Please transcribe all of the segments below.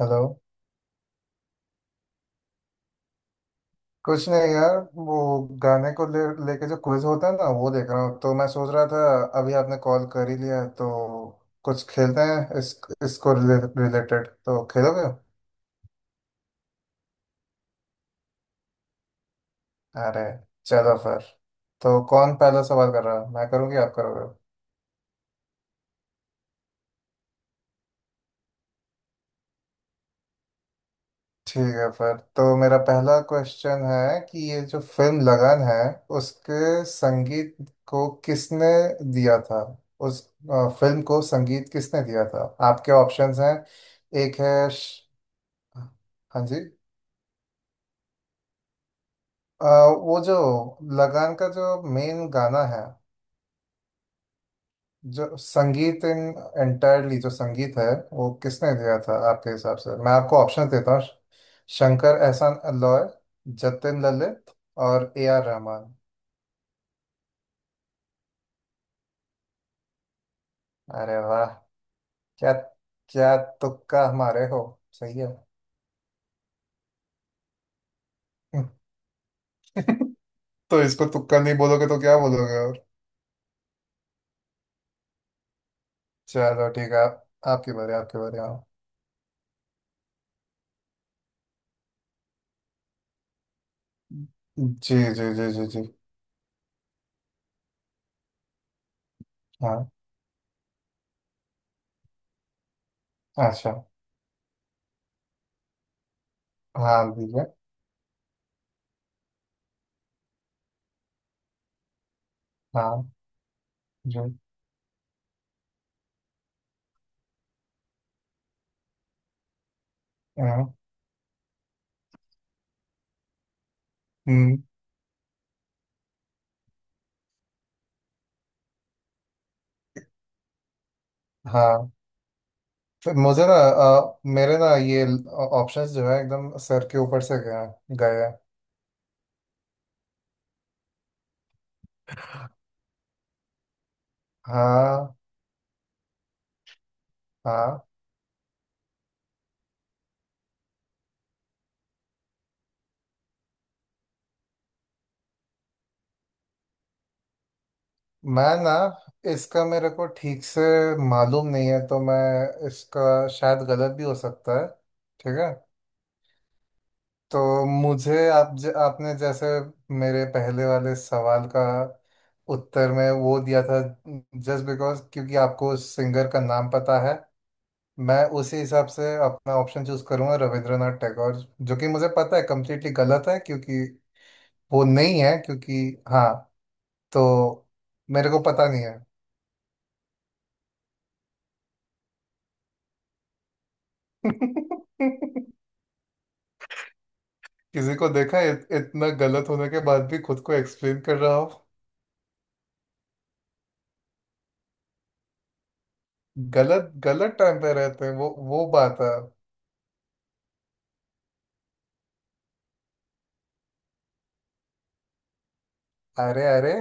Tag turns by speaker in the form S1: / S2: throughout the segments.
S1: Hello. कुछ नहीं यार। वो गाने को ले लेके जो क्विज होता है ना वो देख रहा हूँ, तो मैं सोच रहा था, अभी आपने कॉल कर ही लिया है, तो कुछ खेलते हैं। इस इसको रिलेटेड तो खेलोगे? अरे चलो फिर। तो कौन पहला सवाल कर रहा है, मैं करूँगी आप करोगे? ठीक है फिर। तो मेरा पहला क्वेश्चन है कि ये जो फिल्म लगन है उसके संगीत को किसने दिया था? उस फिल्म को संगीत किसने दिया था? आपके ऑप्शंस हैं। एक है श... हाँ जी। अ, वो जो लगान का जो मेन गाना है, जो संगीत इन एंटायरली जो संगीत है वो किसने दिया था आपके हिसाब से, मैं आपको ऑप्शन देता हूँ। शंकर एहसान अल्लॉय, जतिन ललित, और ए आर रहमान। अरे वाह! क्या क्या तुक्का हमारे हो। सही है। तो इसको तुक्का नहीं बोलोगे तो क्या बोलोगे और। चलो ठीक है। आपकी बारी, आपकी बारी। हाँ जी जी जी जी जी। हाँ, अच्छा। हाँ, दीजिए। हाँ जी। हाँ। हम्म, हाँ। तो मुझे ना, मेरे ना ये ऑप्शंस जो है एकदम सर के ऊपर से गए हैं। हाँ हाँ। मैं ना इसका मेरे को ठीक से मालूम नहीं है, तो मैं इसका शायद गलत भी हो सकता है। ठीक है। तो मुझे आप, आपने जैसे मेरे पहले वाले सवाल का उत्तर में वो दिया था जस्ट बिकॉज क्योंकि आपको उस सिंगर का नाम पता है, मैं उसी हिसाब से अपना ऑप्शन चूज करूंगा। रविंद्रनाथ टैगोर, जो कि मुझे पता है कम्प्लीटली गलत है, क्योंकि वो नहीं है क्योंकि हाँ। तो मेरे को पता नहीं है। किसी को देखा है, इतना गलत होने के बाद भी खुद को एक्सप्लेन कर रहा हो। गलत गलत टाइम पे रहते हैं, वो बात है। अरे अरे,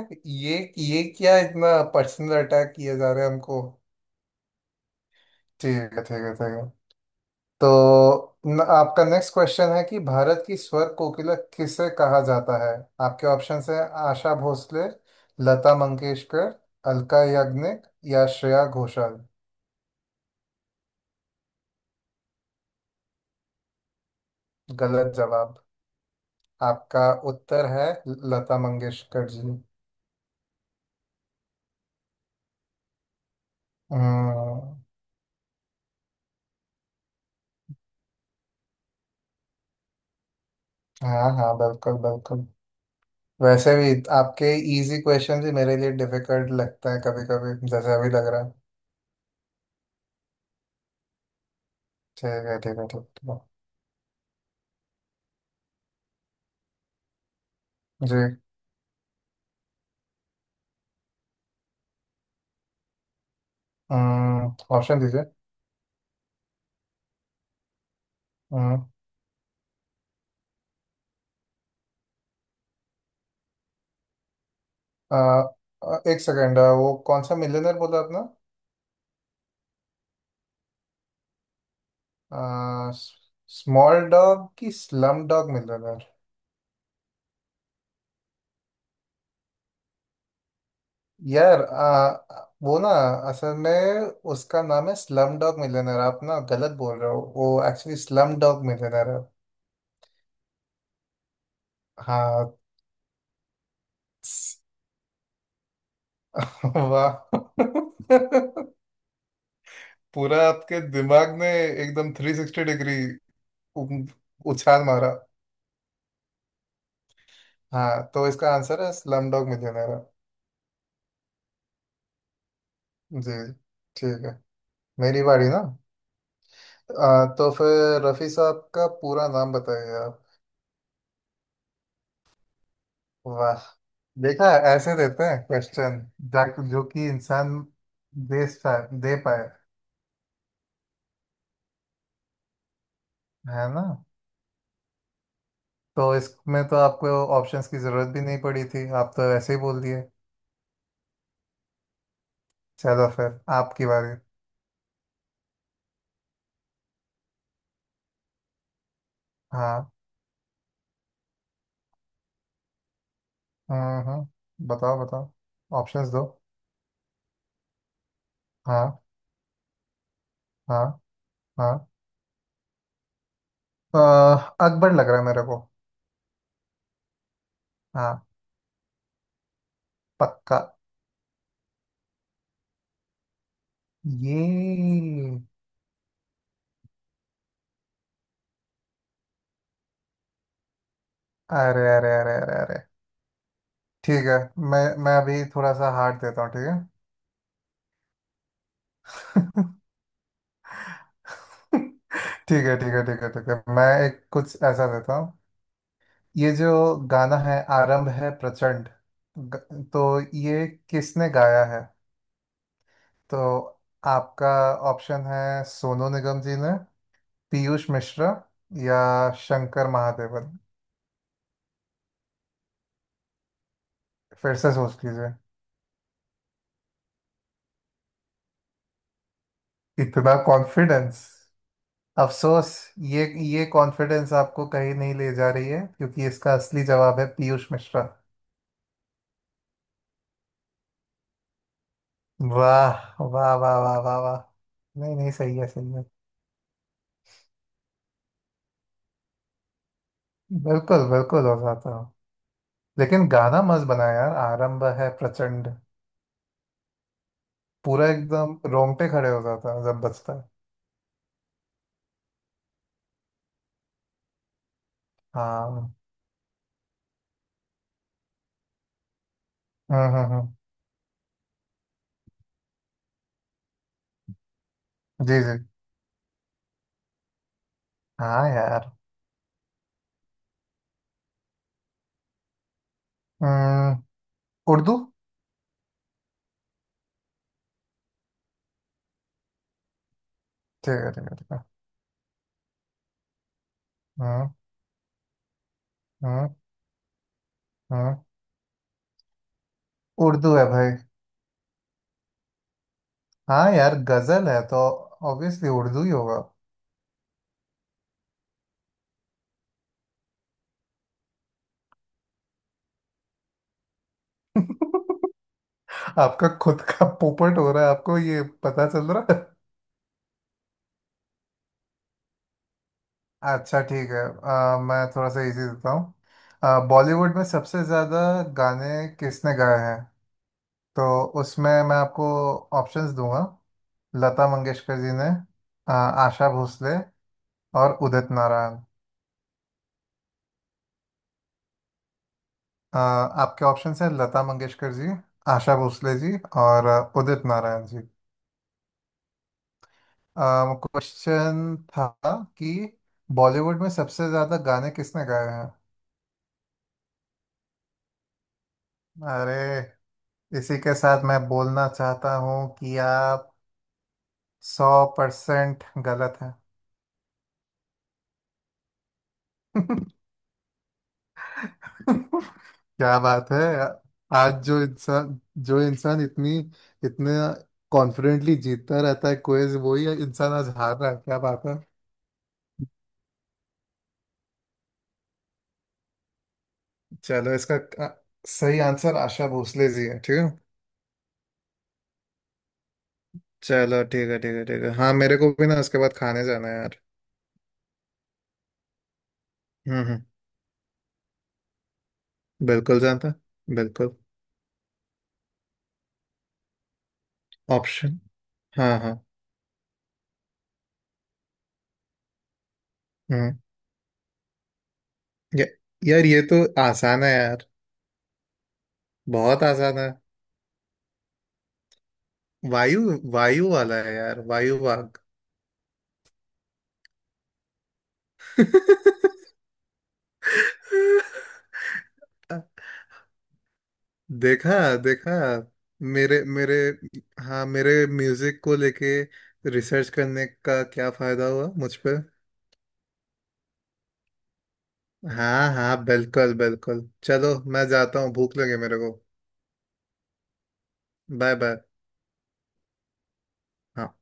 S1: ये क्या इतना पर्सनल अटैक किए जा रहे हैं हमको। ठीक है ठीक है ठीक है। तो न, आपका नेक्स्ट क्वेश्चन है कि भारत की स्वर कोकिला किसे कहा जाता है? आपके ऑप्शंस हैं। आशा भोसले, लता मंगेशकर, अलका याग्निक, या श्रेया घोषाल। गलत जवाब। आपका उत्तर है लता मंगेशकर जी। हम्म। हाँ हाँ, बिल्कुल बिल्कुल। वैसे भी आपके इजी क्वेश्चन ही मेरे लिए डिफिकल्ट लगता है, कभी कभी जैसे अभी लग रहा है। ठीक है ठीक है, ठीक ठीक है। जी। हम्म, ऑप्शन दीजिए। हम्म, अ, एक सेकेंड, वो कौन सा मिलियनर बोला आपने? आ, स्मॉल डॉग की स्लम डॉग मिलियनर? यार वो ना, असल में उसका नाम है स्लम डॉग मिलियनर। आप ना गलत बोल रहे हो, वो एक्चुअली स्लम डॉग मिलियनर है। हाँ। वाह। पूरा आपके दिमाग ने एकदम 360 डिग्री उ- उछाल मारा। हाँ तो इसका आंसर है स्लमडॉग मिलियनेयर। जी ठीक है। मेरी बारी ना। आ, तो फिर रफी साहब का पूरा नाम बताइए आप। वाह, देखा ऐसे देते हैं क्वेश्चन जो कि इंसान दे सा- दे पाए। है ना? तो इसमें तो आपको ऑप्शंस की जरूरत भी नहीं पड़ी थी, आप तो ऐसे ही बोल दिए। चलो फिर आपकी बारी। हाँ हाँ हाँ, बताओ बताओ, ऑप्शंस दो। हाँ हाँ हाँ। अह, अकबर लग रहा है मेरे को। हाँ, पक्का। ये अरे अरे अरे अरे अरे, ठीक है। मैं अभी थोड़ा सा हार्ड देता हूँ। ठीक है। ठीक है ठीक है ठीक है ठीक है, मैं एक कुछ ऐसा देता हूँ। ये जो गाना है आरंभ है प्रचंड, तो ये किसने गाया है? तो आपका ऑप्शन है सोनू निगम जी ने, पीयूष मिश्रा, या शंकर महादेवन। फिर से सोच लीजिए। इतना कॉन्फिडेंस! अफसोस, ये ये कॉन्फिडेंस आपको कहीं नहीं ले जा रही है, क्योंकि इसका असली जवाब है पीयूष मिश्रा। वाह वाह वाह वाह वाह वाह। नहीं नहीं, सही है सही है। बिल्कुल बिल्कुल हो जाता हूँ। लेकिन गाना मस्त बनाया यार, आरंभ है प्रचंड। पूरा एकदम रोंगटे खड़े हो जाता है जब बजता है। हाँ। हम्म। जी जी। हाँ यार। हम्म, उर्दू। ठीक है ठीक है ठीक है। हाँ हाँ। हाँ, उर्दू है भाई। हाँ यार, गजल है तो ऑब्वियसली उर्दू ही होगा। आपका खुद का पोपट हो रहा है, आपको ये पता चल रहा है। अच्छा ठीक है। मैं थोड़ा सा इजी देता हूँ। बॉलीवुड में सबसे ज़्यादा गाने किसने गाए हैं? तो उसमें मैं आपको ऑप्शंस दूंगा। लता मंगेशकर जी ने, आशा भोसले, और उदित नारायण। आपके ऑप्शंस हैं लता मंगेशकर जी, आशा भोसले जी, और उदित नारायण जी। क्वेश्चन था कि बॉलीवुड में सबसे ज्यादा गाने किसने गाए हैं। अरे इसी के साथ मैं बोलना चाहता हूँ कि आप 100% गलत हैं। क्या बात है। आज जो इंसान, जो इंसान इतनी इतने कॉन्फिडेंटली जीतता रहता है क्विज, वही इंसान आज हार रहा है। क्या बात है। चलो इसका सही आंसर आशा भोसले जी है, ठीक है। चलो ठीक है ठीक है ठीक है। हाँ, मेरे को भी ना उसके बाद खाने जाना है यार। हम्म। बिल्कुल जानता, बिल्कुल। ऑप्शन, हाँ हाँ। हम्म, ये- यार ये तो आसान है यार। बहुत आसान है। वायु वायु वाला है यार, वायु वाग। देखा देखा। मेरे मेरे हाँ, मेरे म्यूजिक को लेके रिसर्च करने का क्या फायदा हुआ मुझ पे। हाँ हाँ, बिल्कुल बिल्कुल। चलो मैं जाता हूँ, भूख लगे मेरे को। Bye bye. हाँ।